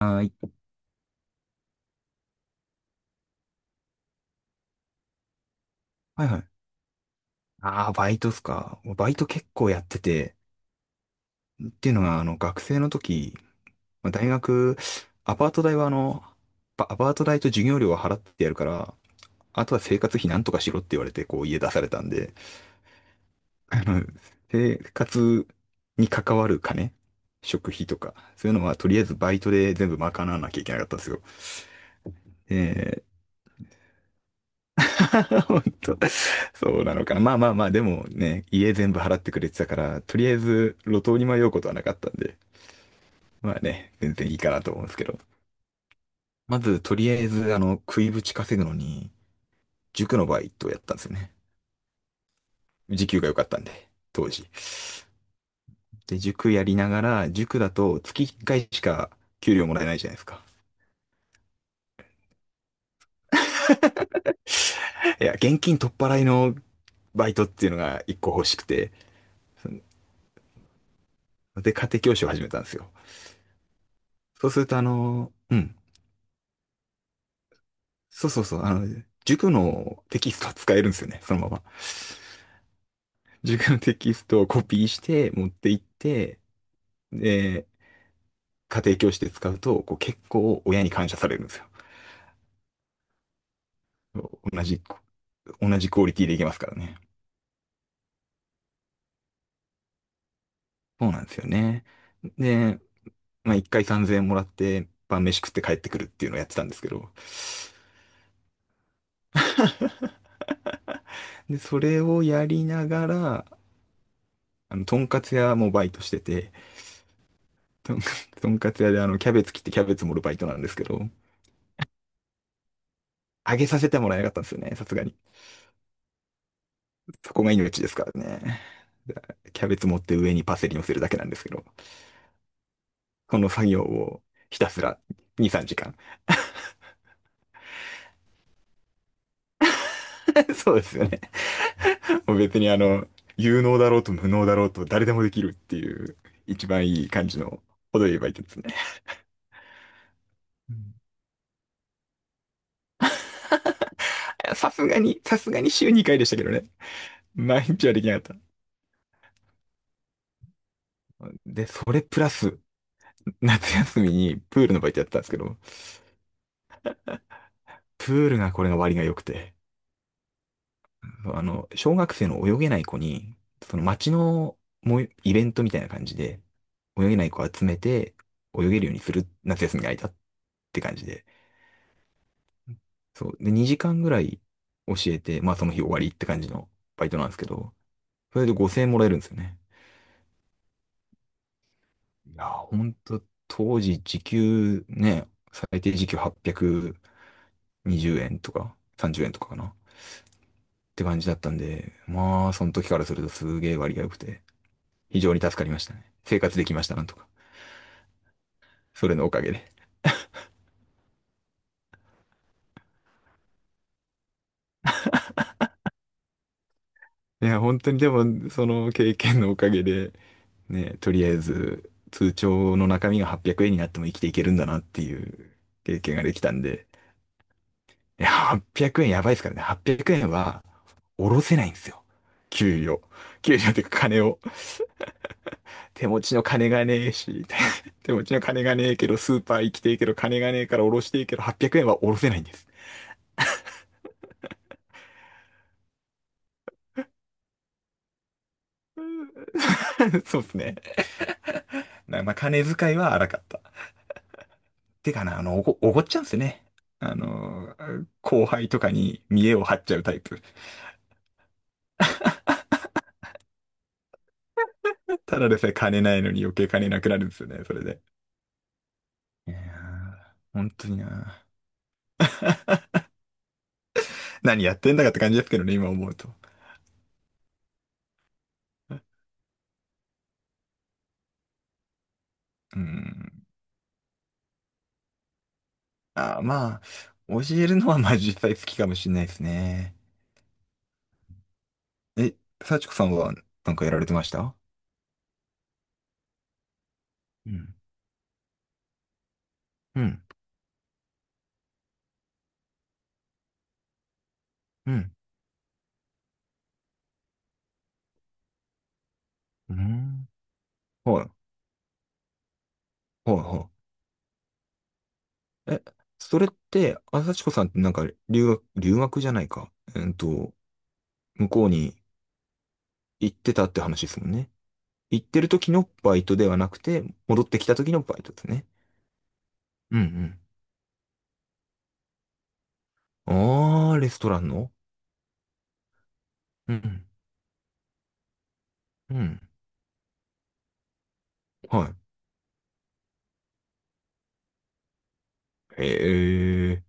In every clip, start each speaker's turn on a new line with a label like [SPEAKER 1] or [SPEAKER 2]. [SPEAKER 1] あー、いはいはい。ああ、バイトっすか。もうバイト結構やってて、っていうのが、学生の時、まあ、大学、アパート代はアパート代と授業料は払ってやるから、あとは生活費なんとかしろって言われて、こう家出されたんで、あの、生活に関わる金、食費とか、そういうのはとりあえずバイトで全部賄わなきゃいけなかったんですよ。本当、そうなのかな。まあまあまあ、でもね、家全部払ってくれてたから、とりあえず路頭に迷うことはなかったんで、まあね、全然いいかなと思うんですけど。まず、とりあえず、食いぶち稼ぐのに、塾のバイトをやったんですよね。時給が良かったんで、当時。で、塾やりながら、塾だと月1回しか給料もらえないじゃないですか。いや、現金取っ払いのバイトっていうのが1個欲しくて、で、家庭教師を始めたんですよ。そうすると、うん、そうそうそう、塾のテキストは使えるんですよね、そのまま。塾のテキストをコピーして持って行って、で、家庭教師で使うと、こう結構親に感謝されるんですよ。同じ、同じクオリティでいけますからね。そうなんですよね。で、まあ一回3000円もらって晩飯食って帰ってくるっていうのをやってたんですけど、で、それをやりながら、とんかつ屋もバイトしてて、とんか とんかつ屋でキャベツ切ってキャベツ盛るバイトなんですけど、あげさせてもらえなかったんですよね、さすがに。そこが命ですからね。キャベツ持って上にパセリ乗せるだけなんですけど、この作業をひたすら2、3時間。そうですよね。もう別に有能だろうと無能だろうと誰でもできるっていう、一番いい感じの程よいバイトですね。うん、さすがに週2回でしたけどね。毎日はできなかった。で、それプラス、夏休みにプールのバイトやってたんですけど、プールがこれが割が良くて、小学生の泳げない子に、その町のもうイベントみたいな感じで、泳げない子を集めて、泳げるようにする夏休みが空いたって感じで。そう。で、2時間ぐらい教えて、まあその日終わりって感じのバイトなんですけど、それで5000円もらえるんですよね。いやー、ほんと、当時時給ね、最低時給820円とか30円とかかなって感じだったんで、まあその時からするとすげえ割が良くて、非常に助かりましたね。生活できました、なんとか。それのおかげで。いや、本当にでも、その経験のおかげで、ね、とりあえず、通帳の中身が800円になっても生きていけるんだなっていう経験ができたんで、いや、800円やばいですからね。800円は、おろせないんですよ。給料。給料っていうか金を。手持ちの金がねえし、手持ちの金がねえけど、スーパー行きてえけど、金がねえからおろしてえけど、800円はおろせないんです。そうですね。まあ、金遣いは荒かった。てかな、おごっちゃうんですよね。あの、後輩とかに見栄を張っちゃうタイプ。ただでさえ金ないのに余計金なくなるんですよね、それで。いやー、本当にな。何やってんだかって感じですけどね、今思うと。うん。あー、まあ、教えるのはまあ実際好きかもしれないですね。え、幸子さんはなんかやられてました？うん。うん。うん。うん。はい。はいはい。え、それって、あ、幸子さんってなんか留学じゃないか。向こうに行ってたって話ですもんね。行ってる時のバイトではなくて、戻ってきた時のバイトですね。うんうん。あー、レストランの。うんうん。うん。はい。へえ。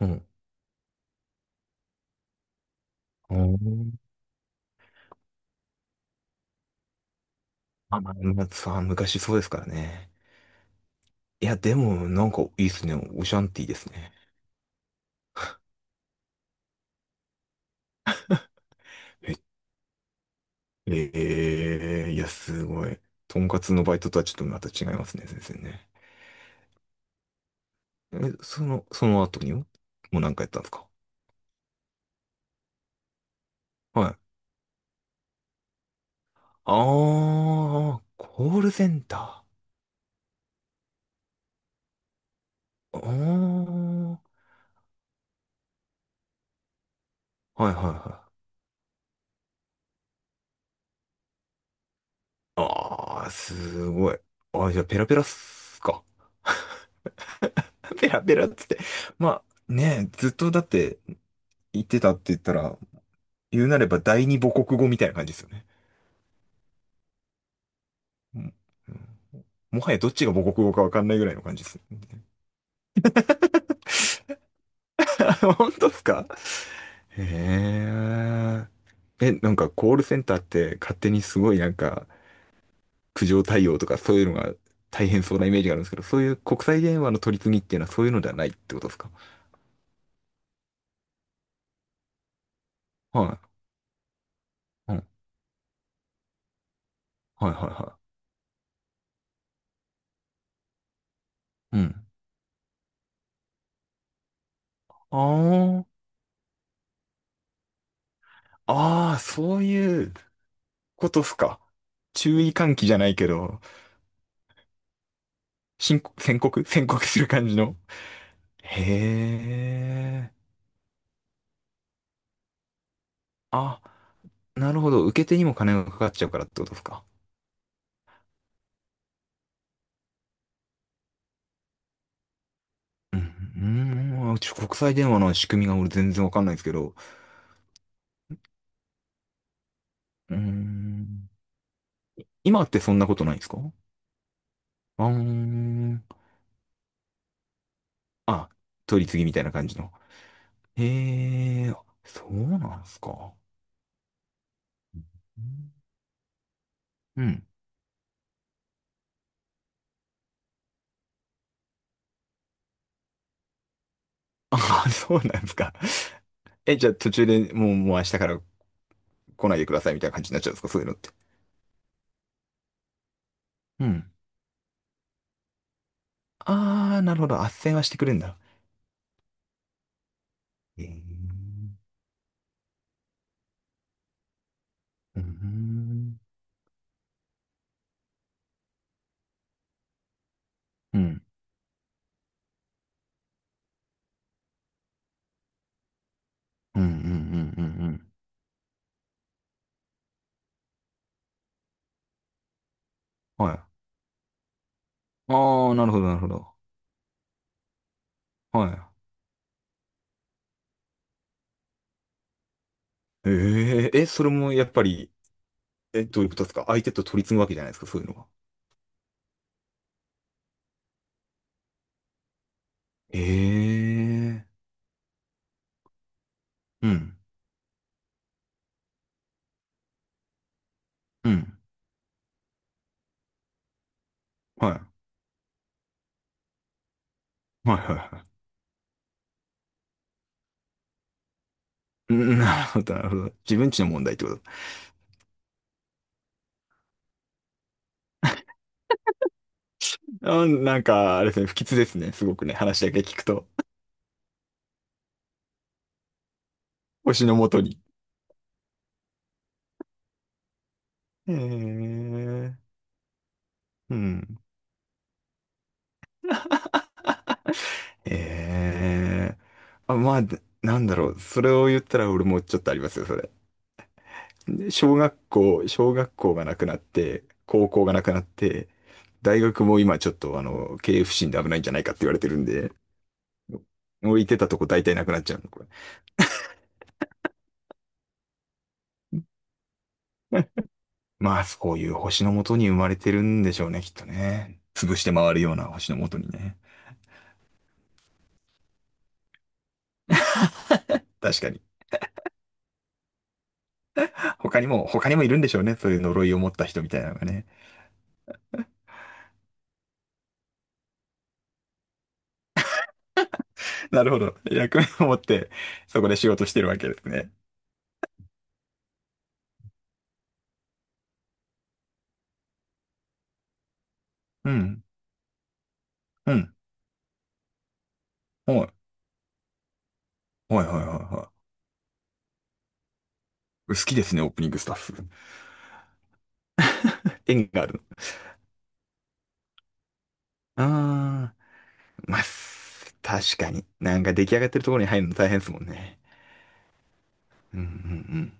[SPEAKER 1] うん。あーまあ、まあさあ昔そうですからね。いや、でも、なんかいいですね。オシャンティーですね。え、いや、すごい。とんかつのバイトとはちょっとまた違いますね、先生ね。え、その後にも、もう何かやったんですか？はい。ああ、コールセンター。ああ、はいはいはい。ああ、すごい。ああ、じゃあペラペラっすか。ペラペラっつって。まあ、ねずっとだって言ってたって言ったら、言うなれば第二母国語みたいな感じですよね。うんうん、もはやどっちが母国語かわかんないぐらいの感じです。本当ですか？へえ。え、なんかコールセンターって勝手にすごいなんか、苦情対応とかそういうのが大変そうなイメージがあるんですけど、そういう国際電話の取り次ぎっていうのはそういうのではないってことですか？はい。うん。はいはいはい。うん。ああ、ああ、そういうことっすか。注意喚起じゃないけど、宣告宣告する感じの。へえ。あ、なるほど。受け手にも金がかかっちゃうからってことですか？うん。うーん、国際電話の仕組みが俺全然わかんないですけど。うーん。今ってそんなことないんですか？あーあ、取り次ぎみたいな感じの。へえ、そうなんすか。うん。あ、そうなんすか。え、じゃあ途中でもう、もう明日から来ないでくださいみたいな感じになっちゃうんですか、そういうのって。うん。ああ、なるほど。斡旋はしてくれるんだ。ええ。うん。うん。うん。うん。うん。うんうん、はい。ああ、なるほど、なるほど。はい。ええ、え、それもやっぱり、え、どういうことですか？相手と取り次ぐわけじゃないですか、そういうのは。ええ。うん。うん。はい。はいはいはい。うん、なるほど、なるほど。自分ちの問題ってこと。うん、なんか、あれですね、不吉ですね。すごくね、話だけ聞くと。星のもとに。へえ。うん。へえ。あ、まあ、なんだろう。それを言ったら俺もちょっとありますよ、それ。で小学校がなくなって、高校がなくなって、大学も今ちょっと経営不振で危ないんじゃないかって言われてるんで、置いてたとこ大体なくなっちゃうの、これ。まあ、そういう星のもとに生まれてるんでしょうね、きっとね。潰して回るような星のもとにね。確かに。他にもいるんでしょうね。そういう呪いを持った人みたいなのがね。なるほど。役目を持って、そこで仕事してるわけですね。うん。うん。はい。はいはいはいはい。好きですね、オープニングスタッフ。縁がある。ああ、まあ、確かに。なんか出来上がってるところに入るの大変ですもんね。うんうんうん。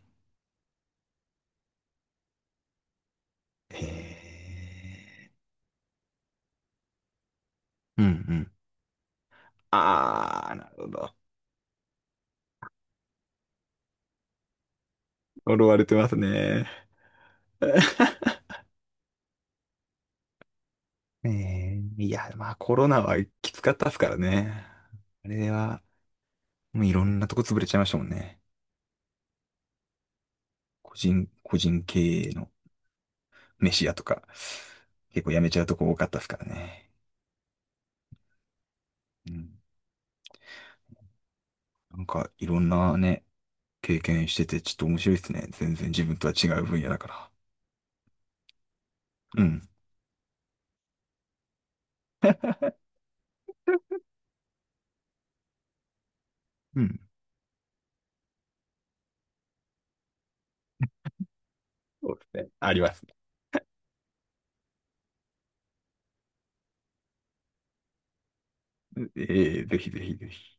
[SPEAKER 1] へえ。うんうん。ああ、なるほど。呪われてますね。いや、まあコロナはきつかったですからね。あれは、もういろんなとこ潰れちゃいましたもんね。個人経営の飯屋とか、結構やめちゃうとこ多かったですからね。うん。なんかいろんなね、経験しててちょっと面白いですね。全然自分とは違う分野だから。うん。うん。そうですね。あります。ええぜひぜひぜひ。